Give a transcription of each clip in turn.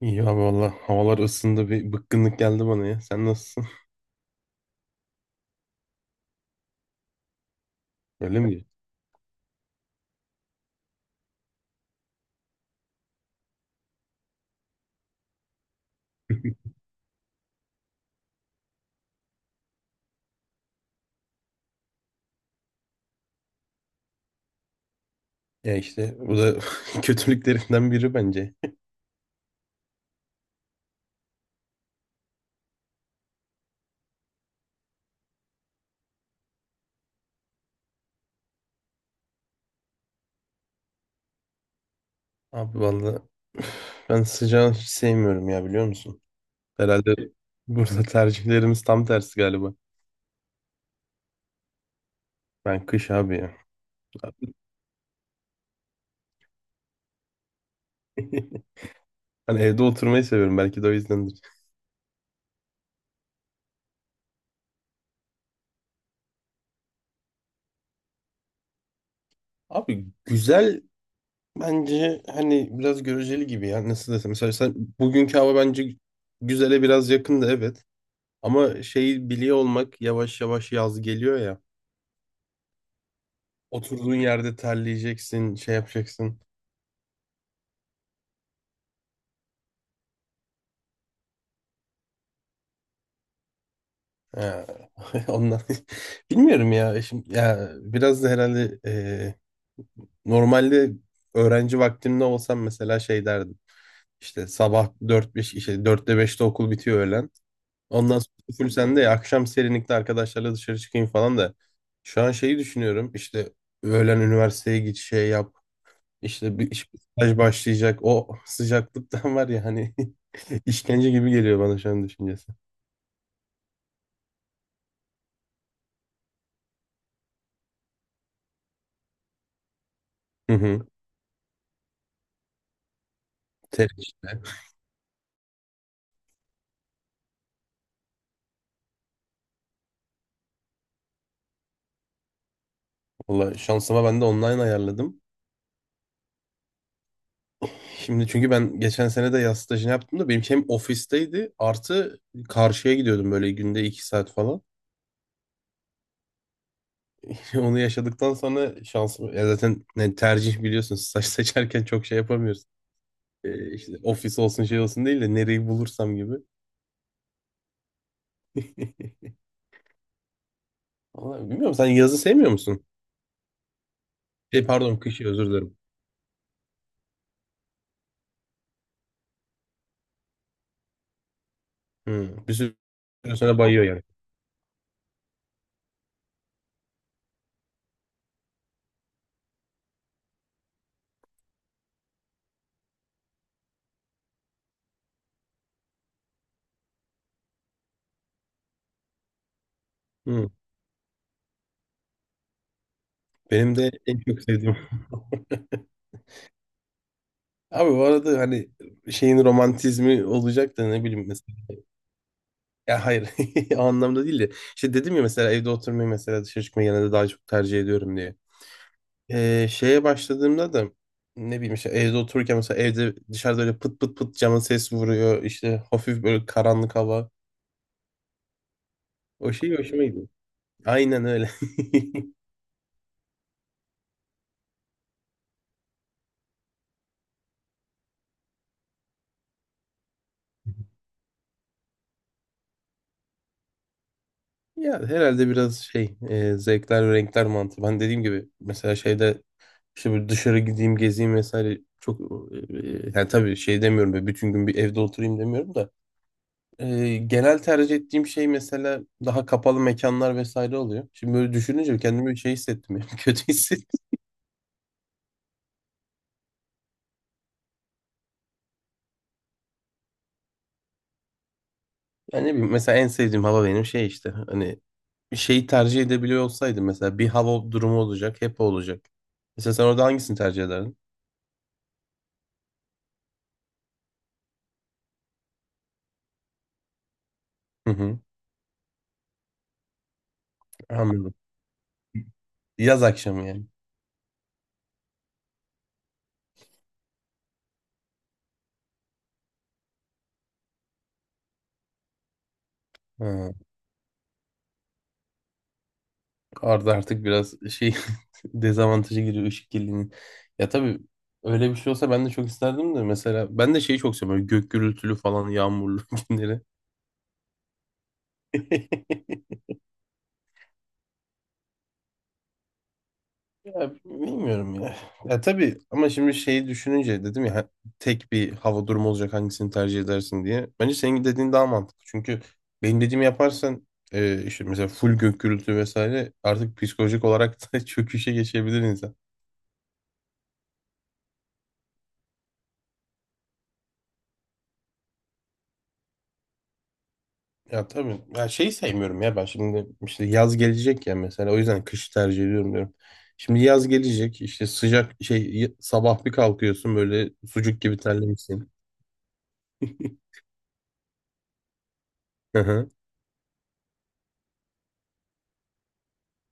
İyi abi valla havalar ısındı bir bıkkınlık geldi bana ya. Sen nasılsın? Öyle mi? Ya işte bu da kötülüklerinden biri bence. Abi valla ben sıcağı hiç sevmiyorum ya biliyor musun? Herhalde burada tercihlerimiz tam tersi galiba. Ben kış abi ya. Hani evde oturmayı seviyorum belki de o yüzdendir. Abi güzel bence hani biraz göreceli gibi ya nasıl desem. Mesela bugünkü hava bence güzele biraz yakındı evet. Ama şeyi biliyor olmak yavaş yavaş yaz geliyor ya. Oturduğun yerde terleyeceksin, şey yapacaksın. Ya, ondan bilmiyorum ya. Şimdi ya biraz da herhalde normalde öğrenci vaktimde olsam mesela şey derdim. İşte sabah dört beş işte 4'te 5'te okul bitiyor öğlen. Ondan sonra full sende ya akşam serinlikte arkadaşlarla dışarı çıkayım falan da. Şu an şeyi düşünüyorum. İşte öğlen üniversiteye git şey yap. İşte bir staj başlayacak. O sıcaklıktan var ya hani işkence gibi geliyor bana şu an düşüncesi. Hı hı. Ter işte. Valla şansıma ben de online ayarladım. Şimdi çünkü ben geçen sene de yaz stajını yaptım da benim hem ofisteydi artı karşıya gidiyordum böyle günde iki saat falan. Onu yaşadıktan sonra şansım ya zaten ne tercih biliyorsun staj seçerken çok şey yapamıyorsun. İşte ofis olsun şey olsun değil de nereyi bulursam gibi. Vallahi bilmiyorum sen yazı sevmiyor musun? Şey pardon kışı özür dilerim. Hı. Bir sürü sana bayıyor yani. Hı. Benim de en çok sevdiğim. Abi bu arada hani şeyin romantizmi olacak da ne bileyim mesela. Ya hayır o anlamda değil de. İşte dedim ya mesela evde oturmayı mesela dışarı çıkmayı genelde daha çok tercih ediyorum diye. Şeye başladığımda da ne bileyim işte evde otururken mesela evde dışarıda öyle pıt pıt pıt camın ses vuruyor. İşte hafif böyle karanlık hava. O şey hoşuma gidiyor. Aynen öyle. Ya herhalde biraz şey zevkler ve renkler mantığı. Ben dediğim gibi mesela şeyde işte böyle dışarı gideyim gezeyim vesaire çok e, yani tabii şey demiyorum böyle bütün gün bir evde oturayım demiyorum da genel tercih ettiğim şey mesela daha kapalı mekanlar vesaire oluyor. Şimdi böyle düşününce kendimi bir şey hissettim ya, kötü hissettim. Yani ne bileyim, mesela en sevdiğim hava benim şey işte hani şeyi tercih edebiliyor olsaydım mesela bir hava durumu olacak hep o olacak. Mesela sen orada hangisini tercih ederdin? Hı hı, anladım. Yaz akşamı yani. Ha. Arda artık biraz şey dezavantaja giriyor ışık kirliliğinin. Ya tabii öyle bir şey olsa ben de çok isterdim de mesela ben de şeyi çok seviyorum. Böyle gök gürültülü falan yağmurlu günleri. Ya bilmiyorum ya. Ya tabii ama şimdi şeyi düşününce dedim ya tek bir hava durumu olacak hangisini tercih edersin diye. Bence senin dediğin daha mantıklı. Çünkü benim dediğimi yaparsan işte mesela full gök gürültü vesaire artık psikolojik olarak da çöküşe geçebilir insan. Ya tabii. Ya şeyi sevmiyorum ya ben şimdi işte yaz gelecek ya mesela o yüzden kış tercih ediyorum diyorum. Şimdi yaz gelecek işte sıcak şey sabah bir kalkıyorsun böyle sucuk gibi terlemişsin. Hı hı.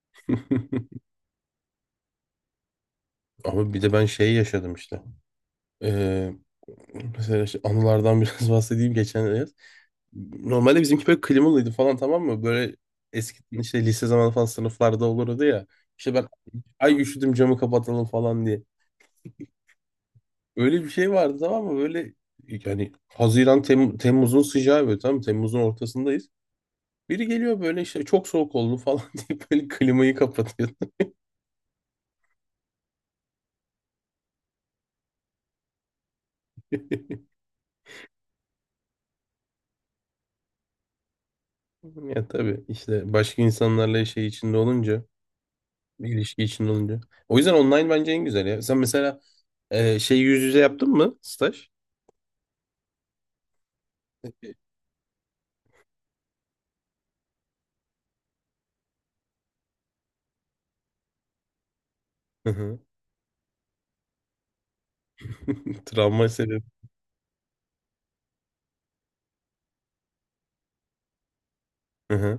Ama bir de ben şeyi yaşadım işte. Ee, mesela işte anılardan biraz bahsedeyim geçen yaz. Normalde bizimki böyle klimalıydı falan tamam mı? Böyle eski işte lise zamanı falan sınıflarda olurdu ya. İşte ben ay üşüdüm camı kapatalım falan diye. Öyle bir şey vardı tamam mı? Böyle yani Haziran Temmuz'un sıcağı böyle tamam mı? Temmuz'un ortasındayız. Biri geliyor böyle işte çok soğuk oldu falan deyip böyle klimayı kapatıyor. Ya tabii işte başka insanlarla şey içinde olunca, bir ilişki içinde olunca. O yüzden online bence en güzel ya. Sen mesela şey yüz yüze yaptın mı staj? Hı hı. Travma sebebi. Hı hı.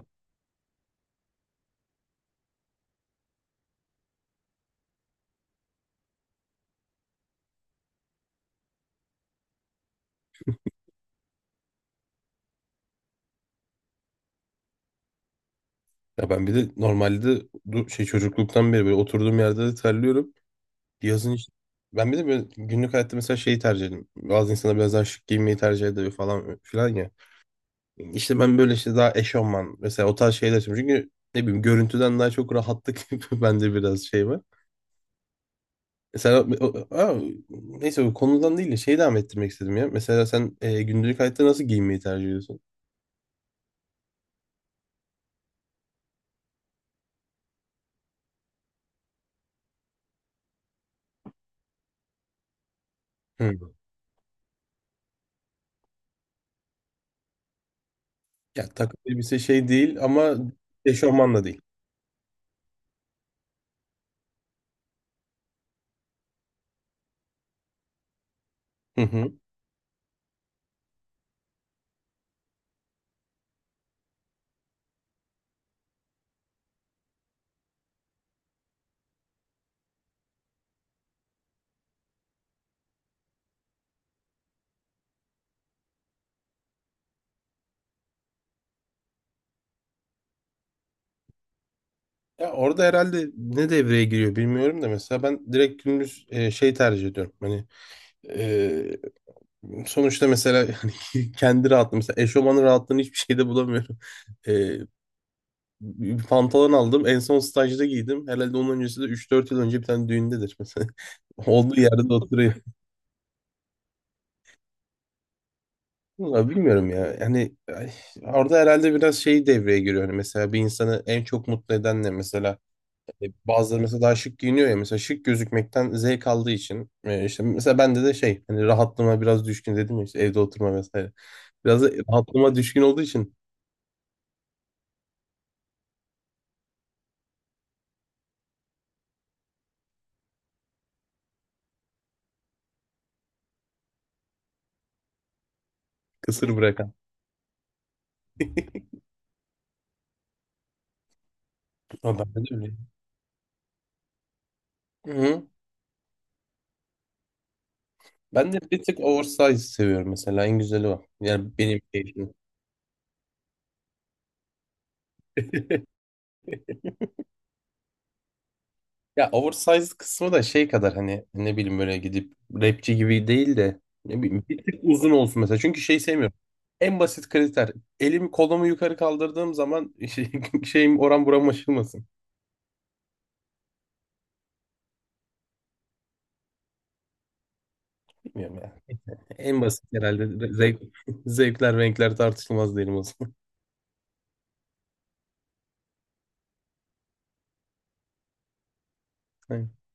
Ya ben bir de normalde şey çocukluktan beri böyle oturduğum yerde de terliyorum. Yazın işte. Ben bir de böyle günlük hayatta mesela şeyi tercih ederim. Bazı insanlar biraz daha şık giyinmeyi tercih ediyor falan filan ya. İşte ben böyle işte daha eşofman mesela o tarz şeyler istiyorum. Çünkü ne bileyim görüntüden daha çok rahatlık bende biraz şey var. Mesela aa, neyse bu konudan değil de şeyi devam ettirmek istedim ya. Mesela sen günlük hayatta nasıl giyinmeyi tercih ediyorsun? Hı. Ya takım elbise şey değil ama eşofman da değil. Hı hı. Ya orada herhalde ne devreye giriyor bilmiyorum da mesela ben direkt gündüz şey tercih ediyorum. Hani Ee, sonuçta mesela yani kendi rahatlığım mesela eşofmanın rahatlığını hiçbir şeyde bulamıyorum. Ee, bir pantolon aldım en son stajda giydim. Herhalde onun öncesi de 3-4 yıl önce bir tane düğündedir mesela. Olduğu yerde de oturuyor. Vallahi bilmiyorum ya. Yani ay, orada herhalde biraz şey devreye giriyor. Hani mesela bir insanı en çok mutlu eden ne mesela? Bazıları mesela daha şık giyiniyor ya. Mesela şık gözükmekten zevk aldığı için. İşte mesela bende de şey hani rahatlığıma biraz düşkün dedim ya işte evde oturma vesaire. Biraz da rahatlığıma düşkün olduğu için kısır bırakan. Ama ben de öyle. Hı. Ben de bir tık oversize seviyorum mesela. En güzeli o. Yani benim keyfim. Ya oversize kısmı da şey kadar hani ne bileyim böyle gidip rapçi gibi değil de ne bileyim bir tık uzun olsun mesela. Çünkü şey sevmiyorum. En basit kriter. Elimi kolumu yukarı kaldırdığım zaman şey, şeyim oran buram aşılmasın. Bilmiyorum ya. En basit herhalde. Zevk, zevkler renkler tartışılmaz diyelim o zaman.